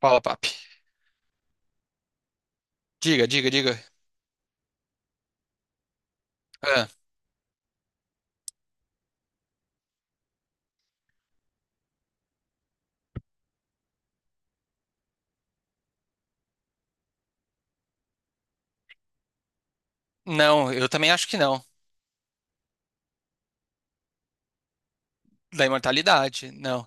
Fala, papi. Diga, diga, diga. Ah, não, eu também acho que não. Da imortalidade, não.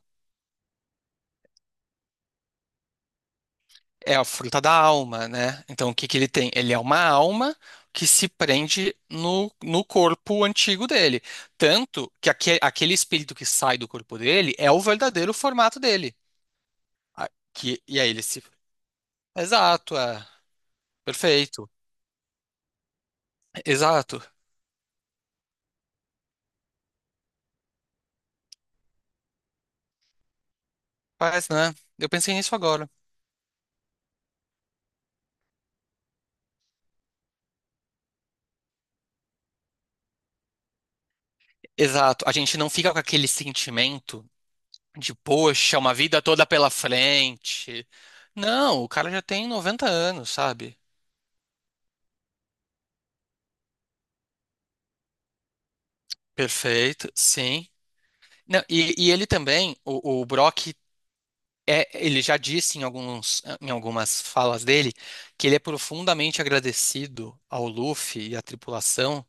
É a fruta da alma, né? Então, o que que ele tem? Ele é uma alma que se prende no corpo astigo dele. Tanto que aquele espírito que sai do corpo dele é o verdadeiro formato dele. E aí ele se. Exato, é. Perfeito. Exato. Faz, né? Eu pensei nisso agora. Exato. A gente não fica com aquele sentimento de poxa, uma vida toda pela frente. Não, o cara já tem 90 anos, sabe? Perfeito, sim. Não, e ele também, o Brock, ele já disse em alguns, em algumas falas dele que ele é profundamente agradecido ao Luffy e à tripulação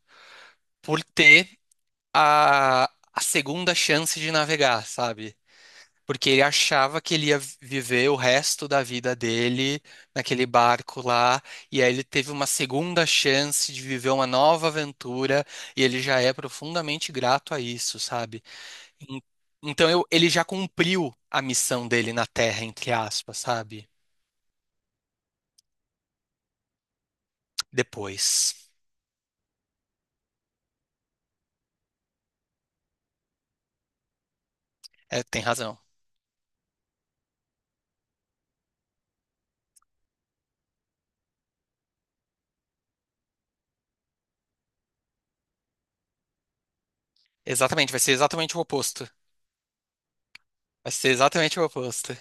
por ter a, a segunda chance de navegar, sabe? Porque ele achava que ele ia viver o resto da vida dele naquele barco lá, e aí ele teve uma segunda chance de viver uma nova aventura, e ele já é profundamente grato a isso, sabe? En- Então ele já cumpriu a missão dele na Terra, entre aspas, sabe? Depois. É, tem razão. Exatamente, vai ser exatamente o oposto. Vai ser exatamente o oposto.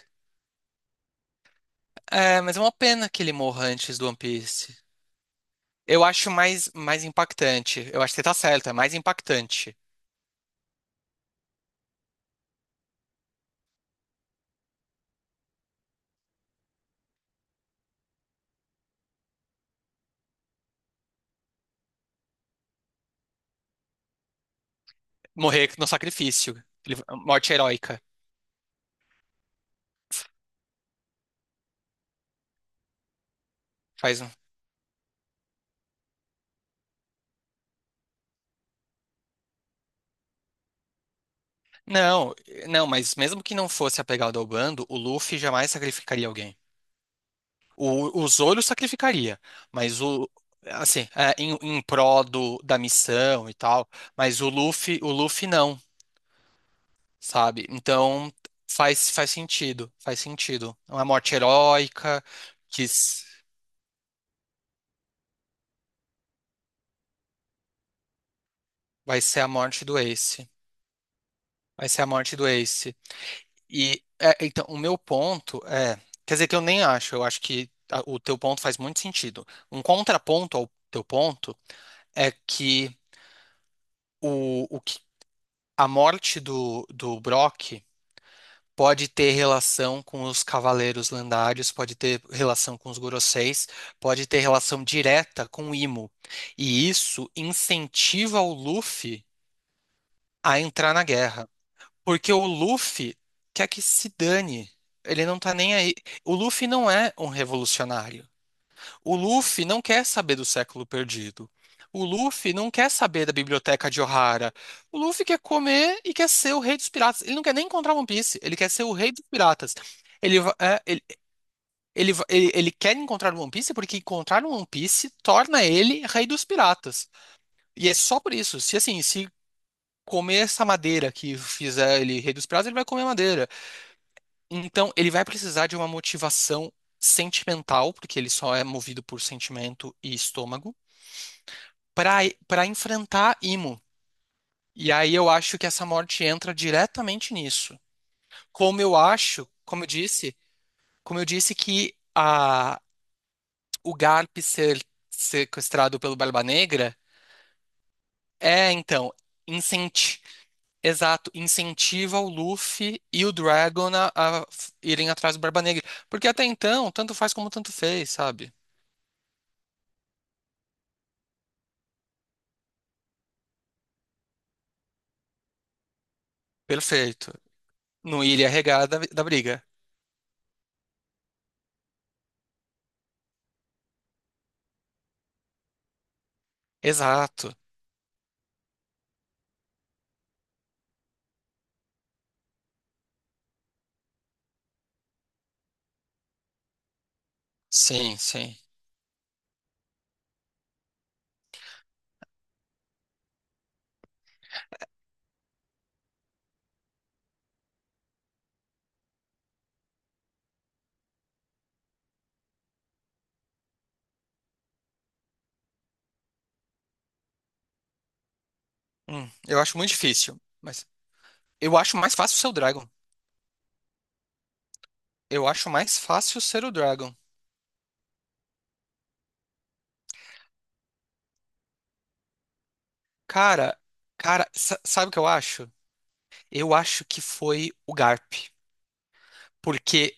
É, mas é uma pena que ele morra antes do One Piece. Eu acho mais impactante. Eu acho que você tá certo, é mais impactante. Morrer no sacrifício. Morte heróica. Faz um. Não, não, mas mesmo que não fosse apegado ao bando, o Luffy jamais sacrificaria alguém. O Zoro sacrificaria, mas o. Assim, é, em pró da missão e tal. Mas o Luffy não, sabe? Então faz, faz sentido, faz sentido. Uma morte heróica, que s- vai ser a morte do Ace. Vai ser a morte do Ace. E é, então, o meu ponto é. Quer dizer que eu nem acho, eu acho que o teu ponto faz muito sentido. Um contraponto ao teu ponto é que o que a morte do Brock pode ter relação com os Cavaleiros Lendários, pode ter relação com os Goroseis, pode ter relação direta com o Imo. E isso incentiva o Luffy a entrar na guerra. Porque o Luffy quer que se dane. Ele não tá nem aí. O Luffy não é um revolucionário. O Luffy não quer saber do século perdido. O Luffy não quer saber da biblioteca de Ohara. O Luffy quer comer e quer ser o rei dos piratas. Ele não quer nem encontrar One Piece. Ele quer ser o rei dos piratas. Ele, ele quer encontrar o One Piece porque encontrar o One Piece torna ele rei dos piratas. E é só por isso. Se assim, se comer essa madeira que fizer ele rei dos piratas, ele vai comer madeira. Então, ele vai precisar de uma motivação sentimental, porque ele só é movido por sentimento e estômago, para para enfrentar Imo. E aí eu acho que essa morte entra diretamente nisso. Como eu acho, como eu disse que a, o Garp ser sequestrado pelo Barba Negra é, então, incenti exato, incentiva o Luffy e o Dragon a, irem atrás do Barba Negra. Porque até então, tanto faz como tanto fez, sabe? Perfeito. Não iria regar da briga. Exato. Sim, sim. Eu acho muito difícil. Mas eu acho mais fácil ser o Dragon. Eu acho mais fácil ser o Dragon. Cara, cara, sabe o que eu acho? Eu acho que foi o Garp. Porque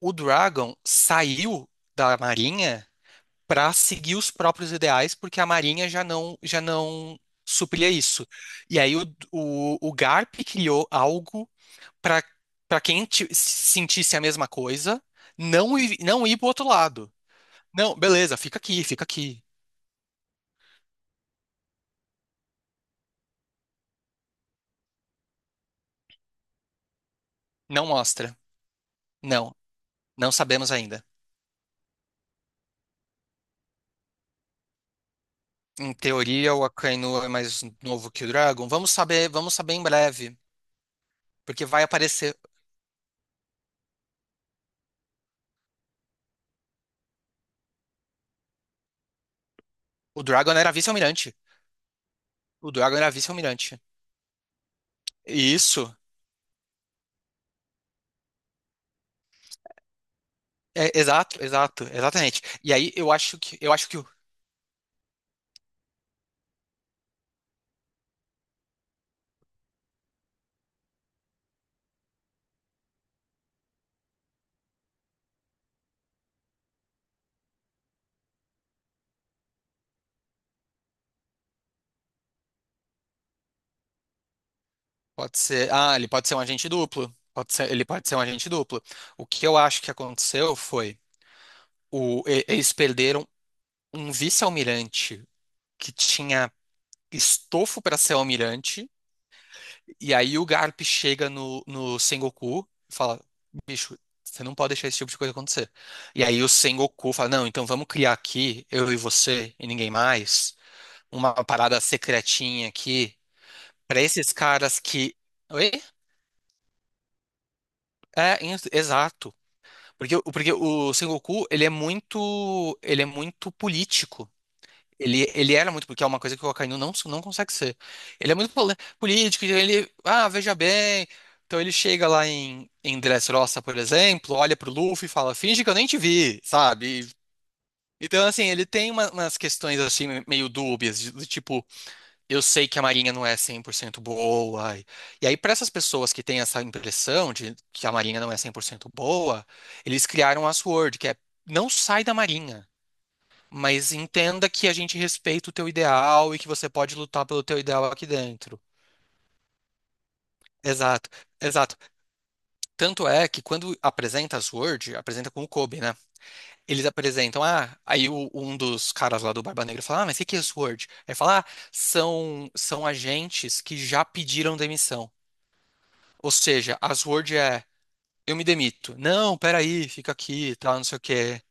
o Dragon saiu da Marinha pra seguir os próprios ideais, porque a Marinha já não supria isso. E aí o Garp criou algo para para quem sentisse a mesma coisa, não ir pro outro lado. Não, beleza, fica aqui, fica aqui. Não mostra. Não, não sabemos ainda. Em teoria, o Akainu é mais novo que o Dragon. Vamos saber em breve, porque vai aparecer. O Dragon era vice-almirante. O Dragon era vice-almirante. Isso. É, exato, exato, exatamente. E aí eu acho que pode ser, ah, ele pode ser um agente duplo. Pode ser, ele pode ser um agente duplo. O que eu acho que aconteceu foi eles perderam um vice-almirante que tinha estofo para ser almirante, e aí o Garp chega no Sengoku e fala: bicho, você não pode deixar esse tipo de coisa acontecer. E aí o Sengoku fala: não, então vamos criar aqui, eu e você e ninguém mais, uma parada secretinha aqui, para esses caras que. Oi? É, exato. Porque, porque o Sengoku, ele é muito político. Ele era muito, porque é uma coisa que o Akainu não, não consegue ser. Ele é muito político, então ele, ah, veja bem. Então ele chega lá em, em Dressrosa, por exemplo, olha pro Luffy e fala, finge que eu nem te vi, sabe? E- Então, assim, ele tem umas questões, assim, meio dúbias, do tipo, eu sei que a Marinha não é 100% boa. E aí, para essas pessoas que têm essa impressão de que a Marinha não é 100% boa, eles criaram a SWORD, que é, não sai da Marinha. Mas entenda que a gente respeita o teu ideal e que você pode lutar pelo teu ideal aqui dentro. Exato, exato. Tanto é que quando apresenta as Word, apresenta com o Kobe, né? Eles apresentam, ah, aí um dos caras lá do Barba Negra fala, ah, mas o que que é Sword? Aí fala, ah, são, são agentes que já pediram demissão. Ou seja, as Word é, eu me demito. Não, peraí, fica aqui, tal, não sei o quê.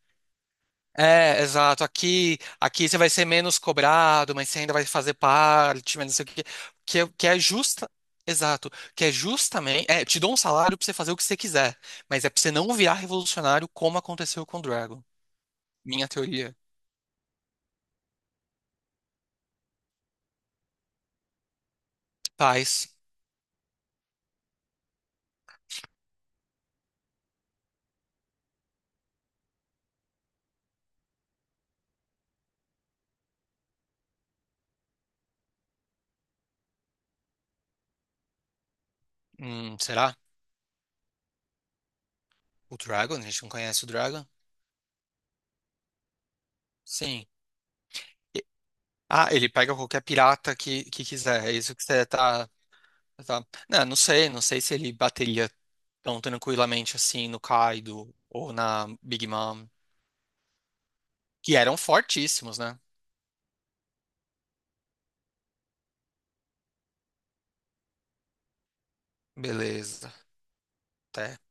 É, exato. Aqui, aqui você vai ser menos cobrado, mas você ainda vai fazer parte, mas não sei o quê. Que, que é justa. Exato. Que é justamente. É, te dou um salário pra você fazer o que você quiser. Mas é pra você não virar revolucionário como aconteceu com o Dragon. Minha teoria. Paz. Será? O Dragon? A gente não conhece o Dragon? Sim. E- Ah, ele pega qualquer pirata que quiser. É isso que você tá. Tá. Não, não sei, não sei se ele bateria tão tranquilamente assim no Kaido ou na Big Mom, que eram fortíssimos, né? Beleza. Até.